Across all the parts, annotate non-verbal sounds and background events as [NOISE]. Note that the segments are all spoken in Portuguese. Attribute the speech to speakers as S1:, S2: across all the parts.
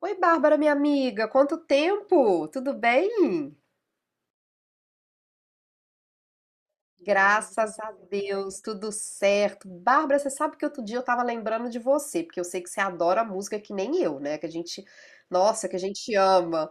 S1: Oi, Bárbara, minha amiga, quanto tempo? Tudo bem? Graças a Deus, tudo certo. Bárbara, você sabe que outro dia eu tava lembrando de você, porque eu sei que você adora música que nem eu, né? Que a gente ama.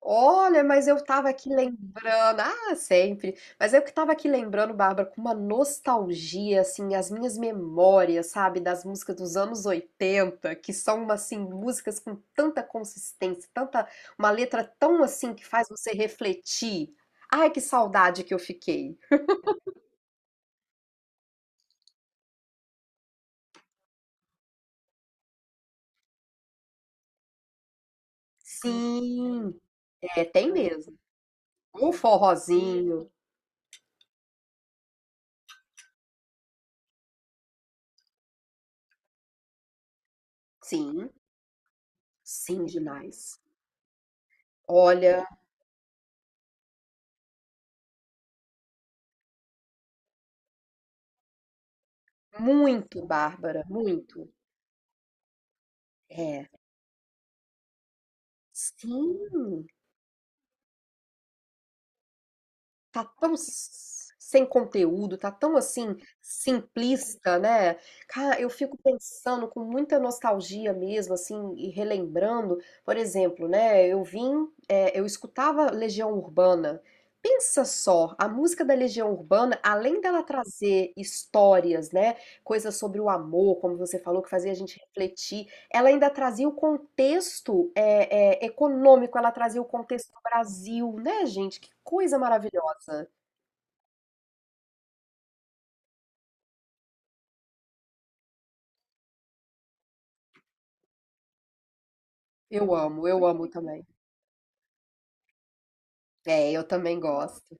S1: Olha, mas eu tava aqui lembrando, ah, sempre, mas eu que tava aqui lembrando, Bárbara, com uma nostalgia, assim, as minhas memórias, sabe, das músicas dos anos 80, que são, assim, músicas com tanta consistência, tanta, uma letra tão, assim, que faz você refletir. Ai, que saudade que eu fiquei. Sim, é, tem mesmo. Um forrozinho, sim, sim, demais. Olha, muito, Bárbara, muito. É. Sim. Tá tão s sem conteúdo, tá tão, assim, simplista, né. Cara, eu fico pensando com muita nostalgia mesmo, assim, e relembrando, por exemplo, né, eu escutava Legião Urbana. Pensa só, a música da Legião Urbana, além dela trazer histórias, né, coisas sobre o amor, como você falou, que fazia a gente refletir, ela ainda trazia o contexto, econômico, ela trazia o contexto do Brasil, né, gente? Que coisa maravilhosa. Eu amo também. É, eu também gosto.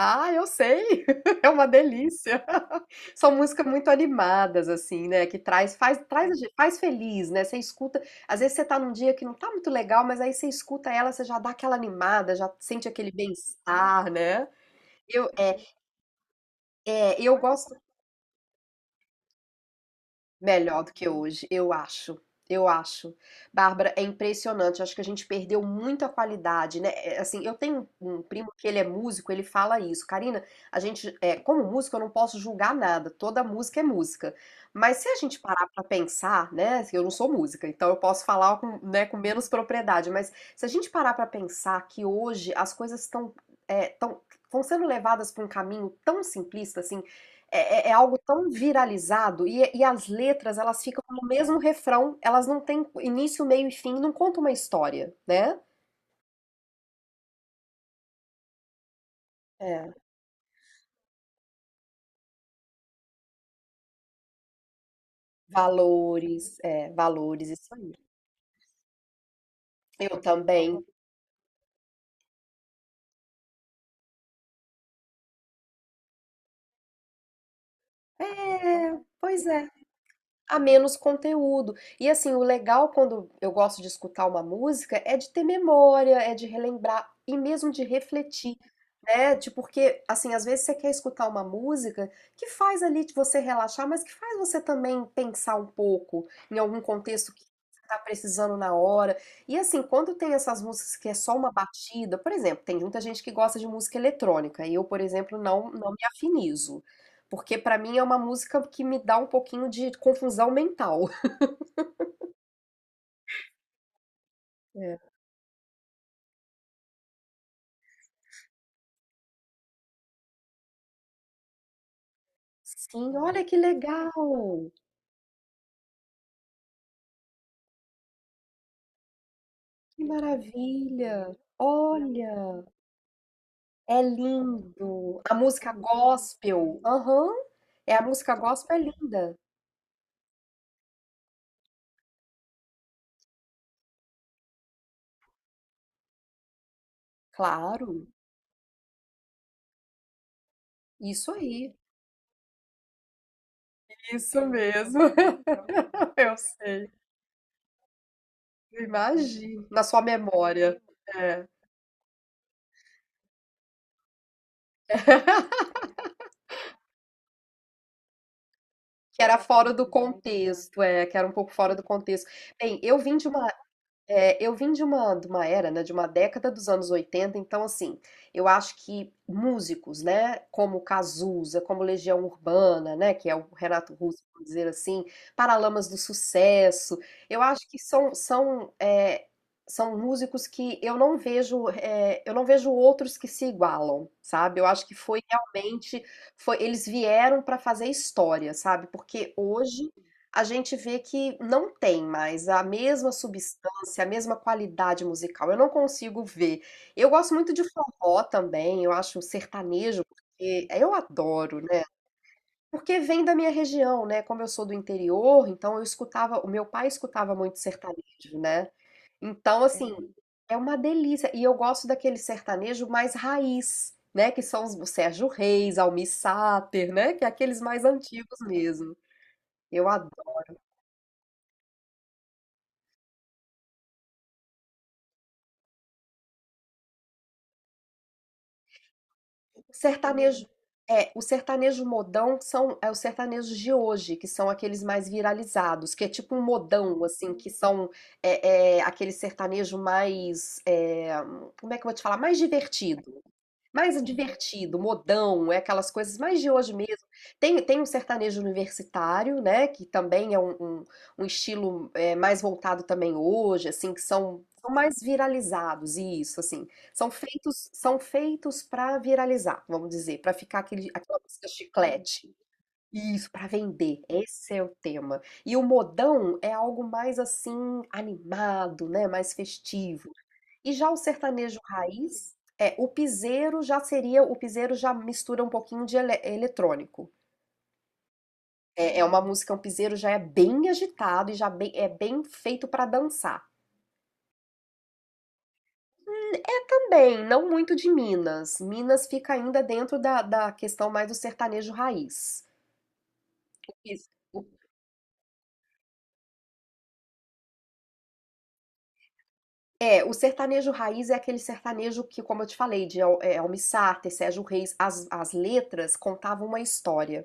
S1: Ah, eu sei! [LAUGHS] É uma delícia. [LAUGHS] São músicas muito animadas, assim, né? Que traz, faz, traz, A gente faz feliz, né? Você escuta, às vezes você tá num dia que não tá muito legal, mas aí você escuta ela, você já dá aquela animada, já sente aquele bem-estar, né? Eu, é, é, eu gosto. Melhor do que hoje, eu acho. Eu acho. Bárbara, é impressionante. Acho que a gente perdeu muita qualidade, né? É. Assim, eu tenho um primo que ele é músico, ele fala isso. Karina, a gente, é, como músico, eu não posso julgar nada. Toda música é música. Mas se a gente parar pra pensar, né? Assim, eu não sou música, então eu posso falar com, né, com menos propriedade. Mas se a gente parar pra pensar que hoje as coisas estão, estão sendo levadas pra um caminho tão simplista, assim, é algo tão viralizado e as letras, elas ficam no mesmo refrão, elas não têm início, meio e fim, não conta uma história, né? É, é, valores, isso aí. Eu também. É, pois é. A menos conteúdo. E assim, o legal quando eu gosto de escutar uma música é de ter memória, é de relembrar e mesmo de refletir, né? De porque assim, às vezes você quer escutar uma música que faz ali de você relaxar, mas que faz você também pensar um pouco em algum contexto que você está precisando na hora. E assim, quando tem essas músicas que é só uma batida, por exemplo, tem muita gente que gosta de música eletrônica, e eu, por exemplo, não me afinizo. Porque pra mim é uma música que me dá um pouquinho de confusão mental. É. Sim, olha que legal! Que maravilha! Olha, é lindo! A música gospel, aham, é, a música gospel é linda. Claro, isso aí. Isso mesmo, [LAUGHS] eu sei, imagino. Na sua memória. É. [LAUGHS] Que era fora do contexto, é, que era um pouco fora do contexto. Bem, eu vim de uma É, eu vim de uma era, né, de uma década dos anos 80 então, assim, eu acho que músicos, né, como Cazuza, como Legião Urbana, né, que é o Renato Russo, por dizer assim, Paralamas do Sucesso, eu acho que são, são, é, são músicos que eu não vejo, é, eu não vejo outros que se igualam, sabe? Eu acho que foi realmente, foi, eles vieram para fazer história, sabe? Porque hoje a gente vê que não tem mais a mesma substância, a mesma qualidade musical. Eu não consigo ver. Eu gosto muito de forró também, eu acho sertanejo, porque eu adoro, né? Porque vem da minha região, né? Como eu sou do interior, então eu escutava, o meu pai escutava muito sertanejo, né? Então, assim, uhum, é uma delícia. E eu gosto daquele sertanejo mais raiz, né? Que são os o Sérgio Reis, Almir Sater, né? Que é aqueles mais antigos mesmo. Eu adoro. O sertanejo o sertanejo modão são é os sertanejos de hoje, que são aqueles mais viralizados, que é tipo um modão, assim, que são aquele sertanejo mais, é, como é que eu vou te falar? Mais divertido. Mais divertido, modão, é aquelas coisas mais de hoje mesmo. Tem, tem um sertanejo universitário, né, que também é um estilo é, mais voltado também hoje, assim, que são, são mais viralizados, isso, assim. São feitos para viralizar, vamos dizer, para ficar aquele, aquela música chiclete. Isso, para vender. Esse é o tema. E o modão é algo mais assim animado, né? Mais festivo. E já o sertanejo raiz, é, o piseiro já seria, o piseiro já mistura um pouquinho de eletrônico. É, é uma música, um piseiro já é bem agitado e é bem feito para dançar. É também, não muito de Minas. Minas fica ainda dentro da questão mais do sertanejo raiz. O que, É, o sertanejo raiz é aquele sertanejo que, como eu te falei, de Almir Sater, Sérgio Reis, as letras contavam uma história,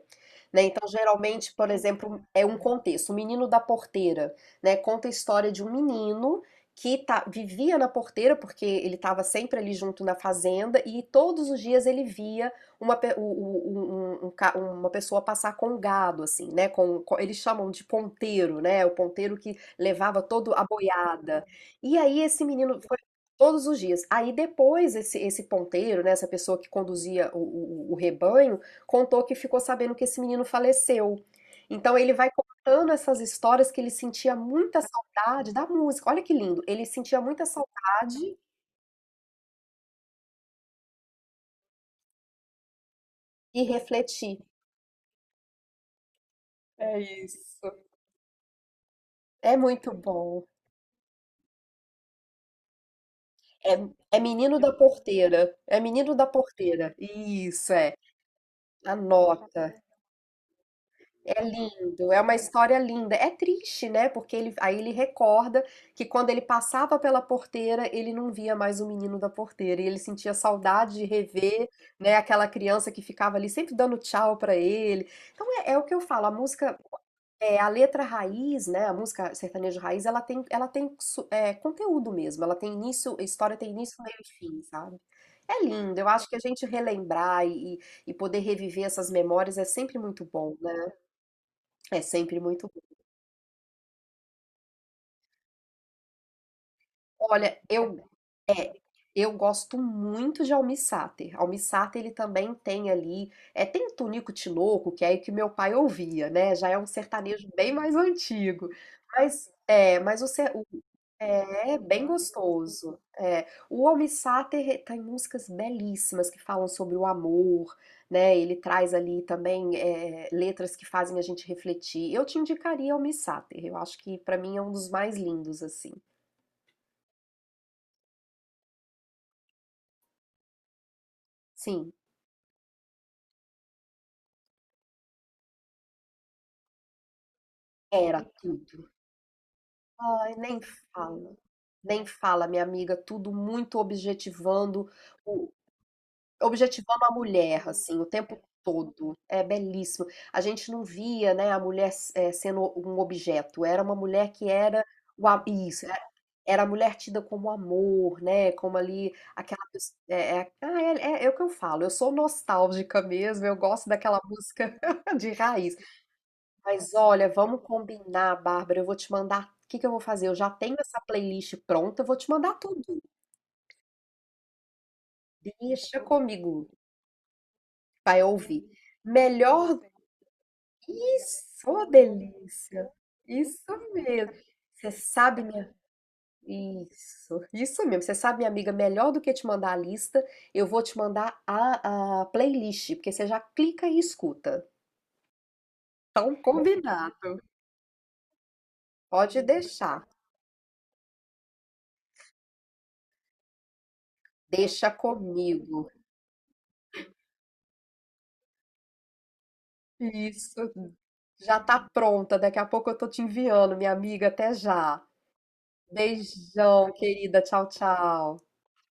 S1: né? Então, geralmente, por exemplo, é um contexto. O Menino da Porteira, né? Conta a história de um menino vivia na porteira, porque ele estava sempre ali junto na fazenda, e todos os dias ele via uma, uma pessoa passar com um gado, assim, né? Eles chamam de ponteiro, né? O ponteiro que levava toda a boiada. E aí esse menino foi todos os dias. Aí depois esse, esse ponteiro, né, essa pessoa que conduzia o rebanho, contou que ficou sabendo que esse menino faleceu. Então ele vai contando essas histórias que ele sentia muita saudade da música. Olha que lindo. Ele sentia muita saudade e refletir. É isso. É muito bom. É, é Menino da Porteira. É Menino da Porteira. Isso é. Anota. É lindo, é uma história linda. É triste, né? Porque ele, aí ele recorda que quando ele passava pela porteira, ele não via mais o menino da porteira. E ele sentia saudade de rever, né, aquela criança que ficava ali sempre dando tchau pra ele. Então é, é o que eu falo, a música, é, a letra raiz, né? A música sertaneja raiz, ela tem, conteúdo mesmo. Ela tem início, a história tem início, meio e fim, sabe? É lindo, eu acho que a gente relembrar e poder reviver essas memórias é sempre muito bom. É sempre muito bom. Olha, é, eu gosto muito de almissáter. Almissáter ele também tem ali, é, tem o Tunico Tinoco, que é o que meu pai ouvia, né? Já é um sertanejo bem mais antigo. Mas é, mas o, ser- o- é é bem gostoso. É, o almissáter tem músicas belíssimas que falam sobre o amor, né? Ele traz ali também é, letras que fazem a gente refletir. Eu te indicaria almissáter. Eu acho que para mim é um dos mais lindos assim. Sim, era tudo. Ai, nem fala. Nem fala, minha amiga, tudo muito objetivando, o- objetivando a mulher, assim, o tempo todo. É belíssimo. A gente não via, né, a mulher eh, sendo um objeto. Era uma mulher que era o a- isso, é- era a mulher tida como amor, né? Como ali aquela pessoa. É o que eu falo, eu sou nostálgica mesmo, eu gosto daquela música [LAUGHS] de raiz. Mas olha, vamos combinar, Bárbara. Eu vou te mandar. O que que eu vou fazer? Eu já tenho essa playlist pronta, eu vou te mandar tudo. Deixa comigo, vai ouvir. Melhor. Isso, ô delícia. Isso mesmo. Você sabe, minha. Isso mesmo. Você sabe, minha amiga, melhor do que te mandar a lista, eu vou te mandar a playlist, porque você já clica e escuta. Então, combinado. Pode deixar. Deixa comigo. Isso. Já tá pronta. Daqui a pouco eu tô te enviando, minha amiga. Até já. Beijão, querida. Tchau, tchau.